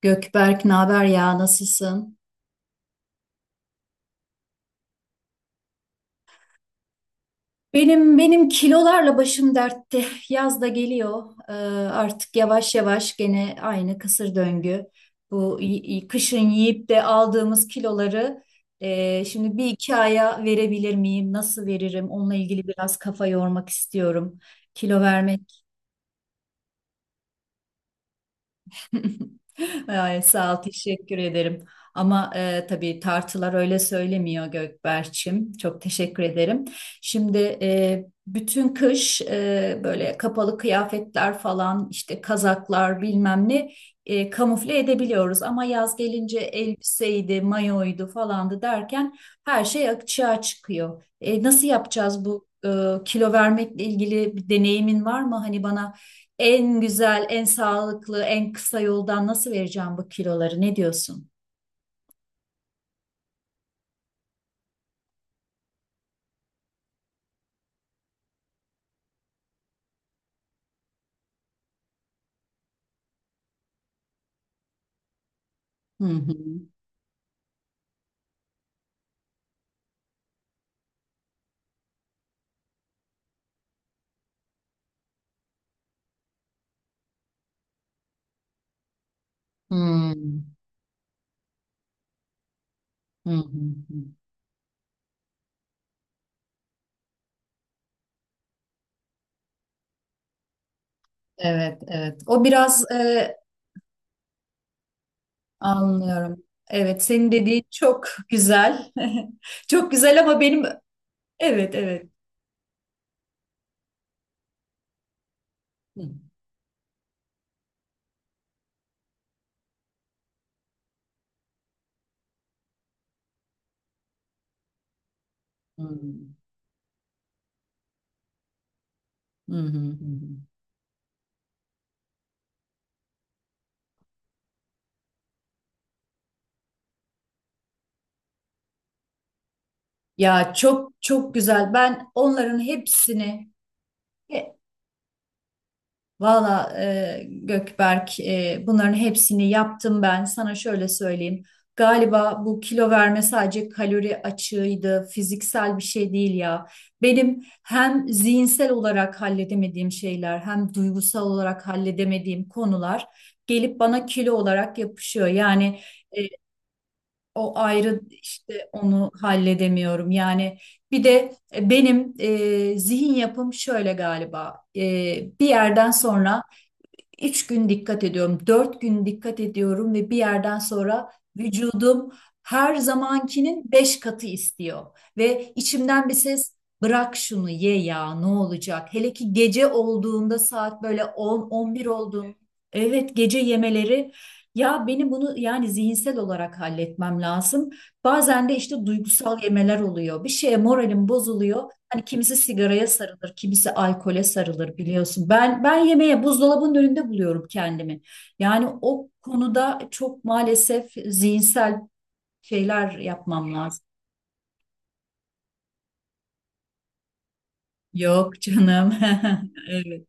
Gökberk, ne haber ya? Nasılsın? Benim kilolarla başım dertte. Yaz da geliyor. Ee, artık yavaş yavaş gene aynı kısır döngü. Bu kışın yiyip de aldığımız kiloları şimdi bir iki aya verebilir miyim? Nasıl veririm? Onunla ilgili biraz kafa yormak istiyorum. Kilo vermek. Ay, sağ ol, teşekkür ederim. Ama tabii tartılar öyle söylemiyor Gökberç'im. Çok teşekkür ederim. Şimdi bütün kış böyle kapalı kıyafetler falan işte kazaklar bilmem ne kamufle edebiliyoruz. Ama yaz gelince elbiseydi, mayoydu falandı derken her şey açığa çıkıyor. Nasıl yapacağız bu kilo vermekle ilgili bir deneyimin var mı? Hani bana en güzel, en sağlıklı, en kısa yoldan nasıl vereceğim bu kiloları? Ne diyorsun? Hı hı. Hmm. Hı hı. Hı. Evet, evet. O biraz anlıyorum. Evet, senin dediğin çok güzel. Çok güzel ama benim evet, evet. Hı hı. Hı hı. Hı hı. Ya çok çok güzel. Ben onların hepsini Valla Gökberk bunların hepsini yaptım ben. Sana şöyle söyleyeyim. Galiba bu kilo verme sadece kalori açığıydı, fiziksel bir şey değil ya. Benim hem zihinsel olarak halledemediğim şeyler hem duygusal olarak halledemediğim konular gelip bana kilo olarak yapışıyor. Yani e, o ayrı işte onu halledemiyorum. Yani bir de benim zihin yapım şöyle galiba. Bir yerden sonra 3 gün dikkat ediyorum, 4 gün dikkat ediyorum ve bir yerden sonra vücudum her zamankinin 5 katı istiyor. Ve içimden bir ses bırak şunu ye ya ne olacak? Hele ki gece olduğunda saat böyle 10-11 olduğunda, evet, gece yemeleri ya benim bunu yani zihinsel olarak halletmem lazım. Bazen de işte duygusal yemeler oluyor. Bir şeye moralim bozuluyor. Hani kimisi sigaraya sarılır, kimisi alkole sarılır biliyorsun. Ben yemeğe buzdolabının önünde buluyorum kendimi. Yani o konuda çok maalesef zihinsel şeyler yapmam lazım. Yok canım. Evet.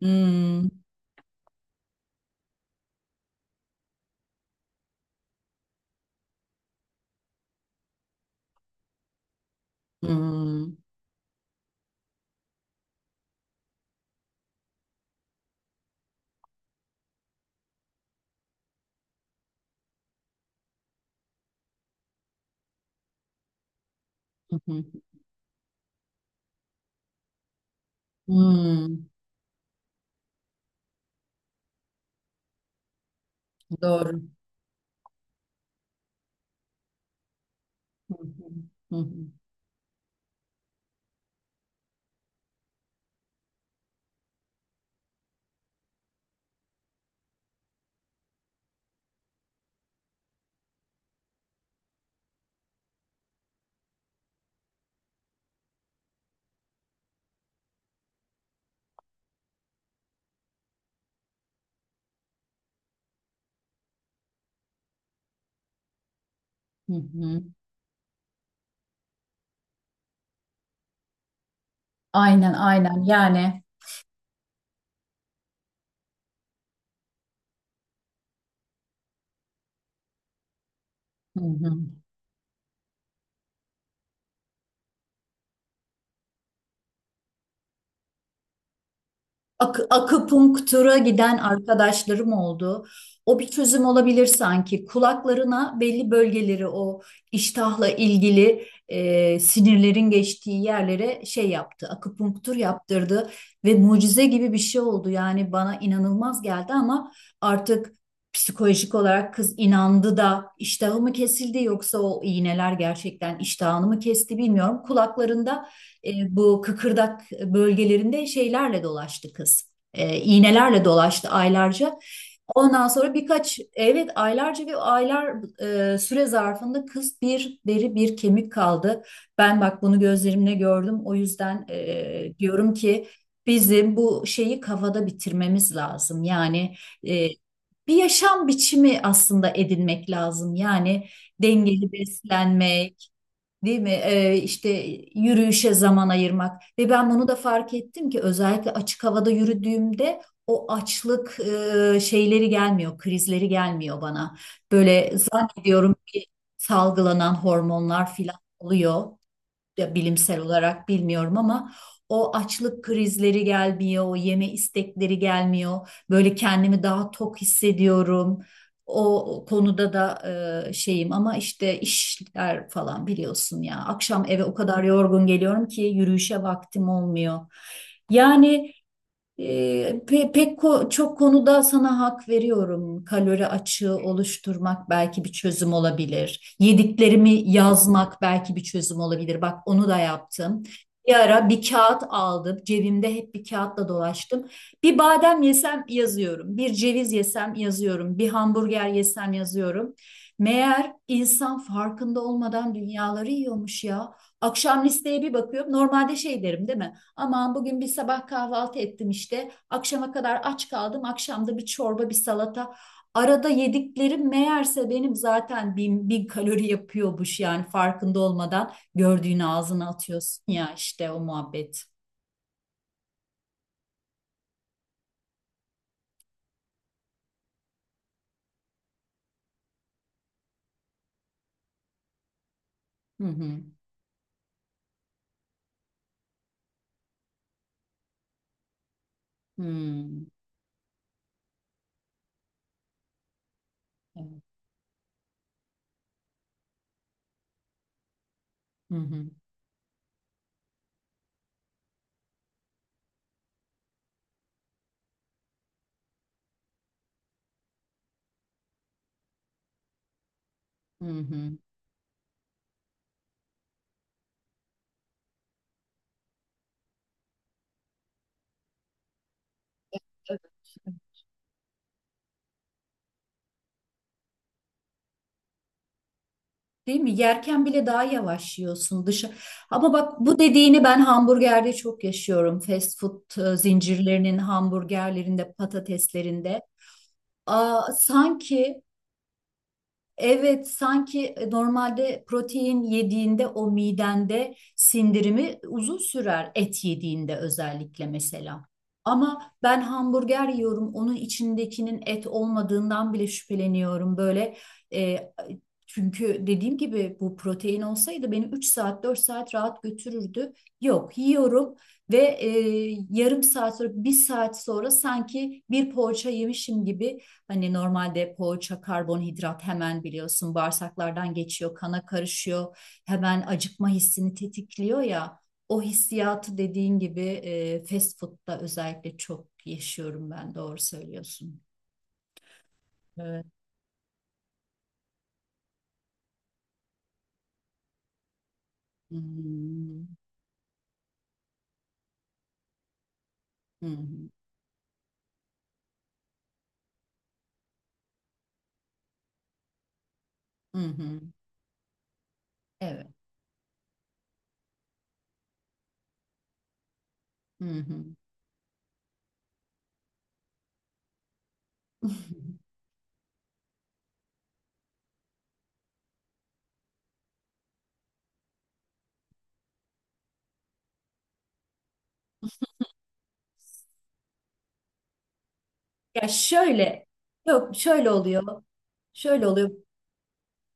Hmm, hmm, hmm, hmm. Doğru. Hı hı, hı hı, hı hı. Aynen aynen yani. Hı hı. Akupunktura giden arkadaşlarım oldu. O bir çözüm olabilir sanki. Kulaklarına belli bölgeleri o iştahla ilgili sinirlerin geçtiği yerlere şey yaptı. Akupunktur yaptırdı ve mucize gibi bir şey oldu. Yani bana inanılmaz geldi ama artık psikolojik olarak kız inandı da iştahı mı kesildi yoksa o iğneler gerçekten iştahını mı kesti bilmiyorum. Kulaklarında bu kıkırdak bölgelerinde şeylerle dolaştı kız. E, iğnelerle dolaştı aylarca. Ondan sonra birkaç evet aylarca bir aylar süre zarfında kız bir deri bir kemik kaldı. Ben bak bunu gözlerimle gördüm. O yüzden diyorum ki bizim bu şeyi kafada bitirmemiz lazım. Yani e, bir yaşam biçimi aslında edinmek lazım. Yani dengeli beslenmek, değil mi? İşte yürüyüşe zaman ayırmak ve ben bunu da fark ettim ki özellikle açık havada yürüdüğümde o açlık şeyleri gelmiyor, krizleri gelmiyor bana. Böyle zannediyorum ki salgılanan hormonlar filan oluyor ya bilimsel olarak bilmiyorum ama o açlık krizleri gelmiyor, o yeme istekleri gelmiyor. Böyle kendimi daha tok hissediyorum. O konuda da şeyim ama işte işler falan biliyorsun ya. Akşam eve o kadar yorgun geliyorum ki yürüyüşe vaktim olmuyor. Yani pek çok konuda sana hak veriyorum. Kalori açığı oluşturmak belki bir çözüm olabilir. Yediklerimi yazmak belki bir çözüm olabilir. Bak onu da yaptım. Bir ara bir kağıt aldım. Cebimde hep bir kağıtla dolaştım. Bir badem yesem yazıyorum. Bir ceviz yesem yazıyorum. Bir hamburger yesem yazıyorum. Meğer insan farkında olmadan dünyaları yiyormuş ya. Akşam listeye bir bakıyorum. Normalde şey derim değil mi? Aman bugün bir sabah kahvaltı ettim işte. Akşama kadar aç kaldım. Akşamda bir çorba, bir salata. Arada yediklerim meğerse benim zaten bin kalori yapıyormuş yani farkında olmadan gördüğünü ağzına atıyorsun ya işte o muhabbet. Hı hı. Hı. Evet. Hı hı. Hı hı. Değil mi? Yerken bile daha yavaş yiyorsun dışı. Ama bak bu dediğini ben hamburgerde çok yaşıyorum. Fast food zincirlerinin hamburgerlerinde, patateslerinde. Aa, sanki evet sanki normalde protein yediğinde o midende sindirimi uzun sürer et yediğinde özellikle mesela. Ama ben hamburger yiyorum onun içindekinin et olmadığından bile şüpheleniyorum böyle e, çünkü dediğim gibi bu protein olsaydı beni 3-4 saat rahat götürürdü. Yok yiyorum ve yarım saat sonra bir saat sonra sanki bir poğaça yemişim gibi hani normalde poğaça, karbonhidrat hemen biliyorsun bağırsaklardan geçiyor, kana karışıyor. Hemen acıkma hissini tetikliyor ya. O hissiyatı dediğin gibi fast food'da özellikle çok yaşıyorum ben. Doğru söylüyorsun. Evet. Hmm. Hı hı. Hı hı. Hı. Evet. Hı hı. Ya şöyle, yok şöyle oluyor. Şöyle oluyor.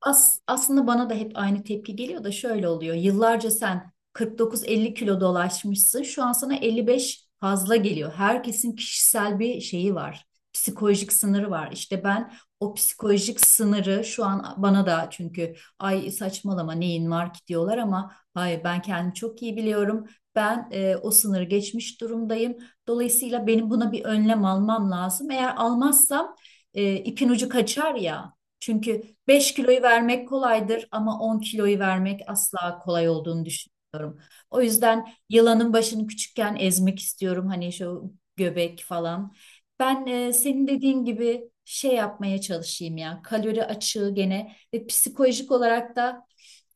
Aslında bana da hep aynı tepki geliyor da şöyle oluyor. Yıllarca sen 49-50 kilo dolaşmışsın. Şu an sana 55 fazla geliyor. Herkesin kişisel bir şeyi var. Psikolojik sınırı var. İşte ben o psikolojik sınırı şu an bana da çünkü ay saçmalama neyin var ki diyorlar ama hayır ben kendimi çok iyi biliyorum. Ben o sınırı geçmiş durumdayım. Dolayısıyla benim buna bir önlem almam lazım. Eğer almazsam ipin ucu kaçar ya. Çünkü 5 kiloyu vermek kolaydır ama 10 kiloyu vermek asla kolay olduğunu düşünüyorum. O yüzden yılanın başını küçükken ezmek istiyorum hani şu göbek falan. Ben senin dediğin gibi şey yapmaya çalışayım ya kalori açığı gene ve psikolojik olarak da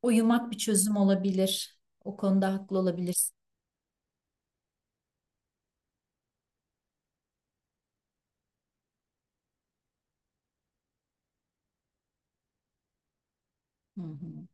uyumak bir çözüm olabilir. O konuda haklı olabilirsin. Hı hı.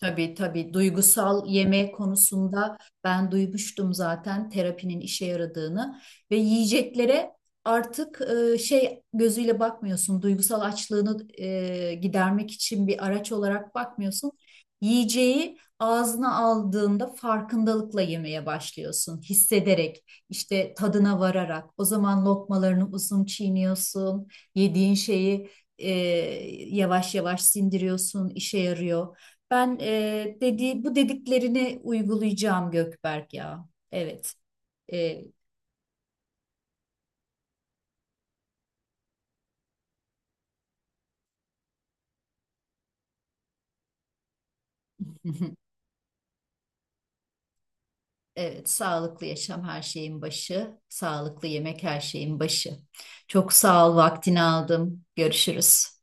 Tabii tabii duygusal yeme konusunda ben duymuştum zaten terapinin işe yaradığını ve yiyeceklere artık şey gözüyle bakmıyorsun duygusal açlığını gidermek için bir araç olarak bakmıyorsun. Yiyeceği ağzına aldığında farkındalıkla yemeye başlıyorsun hissederek işte tadına vararak o zaman lokmalarını uzun çiğniyorsun yediğin şeyi e, yavaş yavaş sindiriyorsun işe yarıyor. Ben dediği bu dediklerini uygulayacağım Gökberk ya. Evet. E, evet, sağlıklı yaşam her şeyin başı, sağlıklı yemek her şeyin başı. Çok sağ ol, vaktini aldım. Görüşürüz.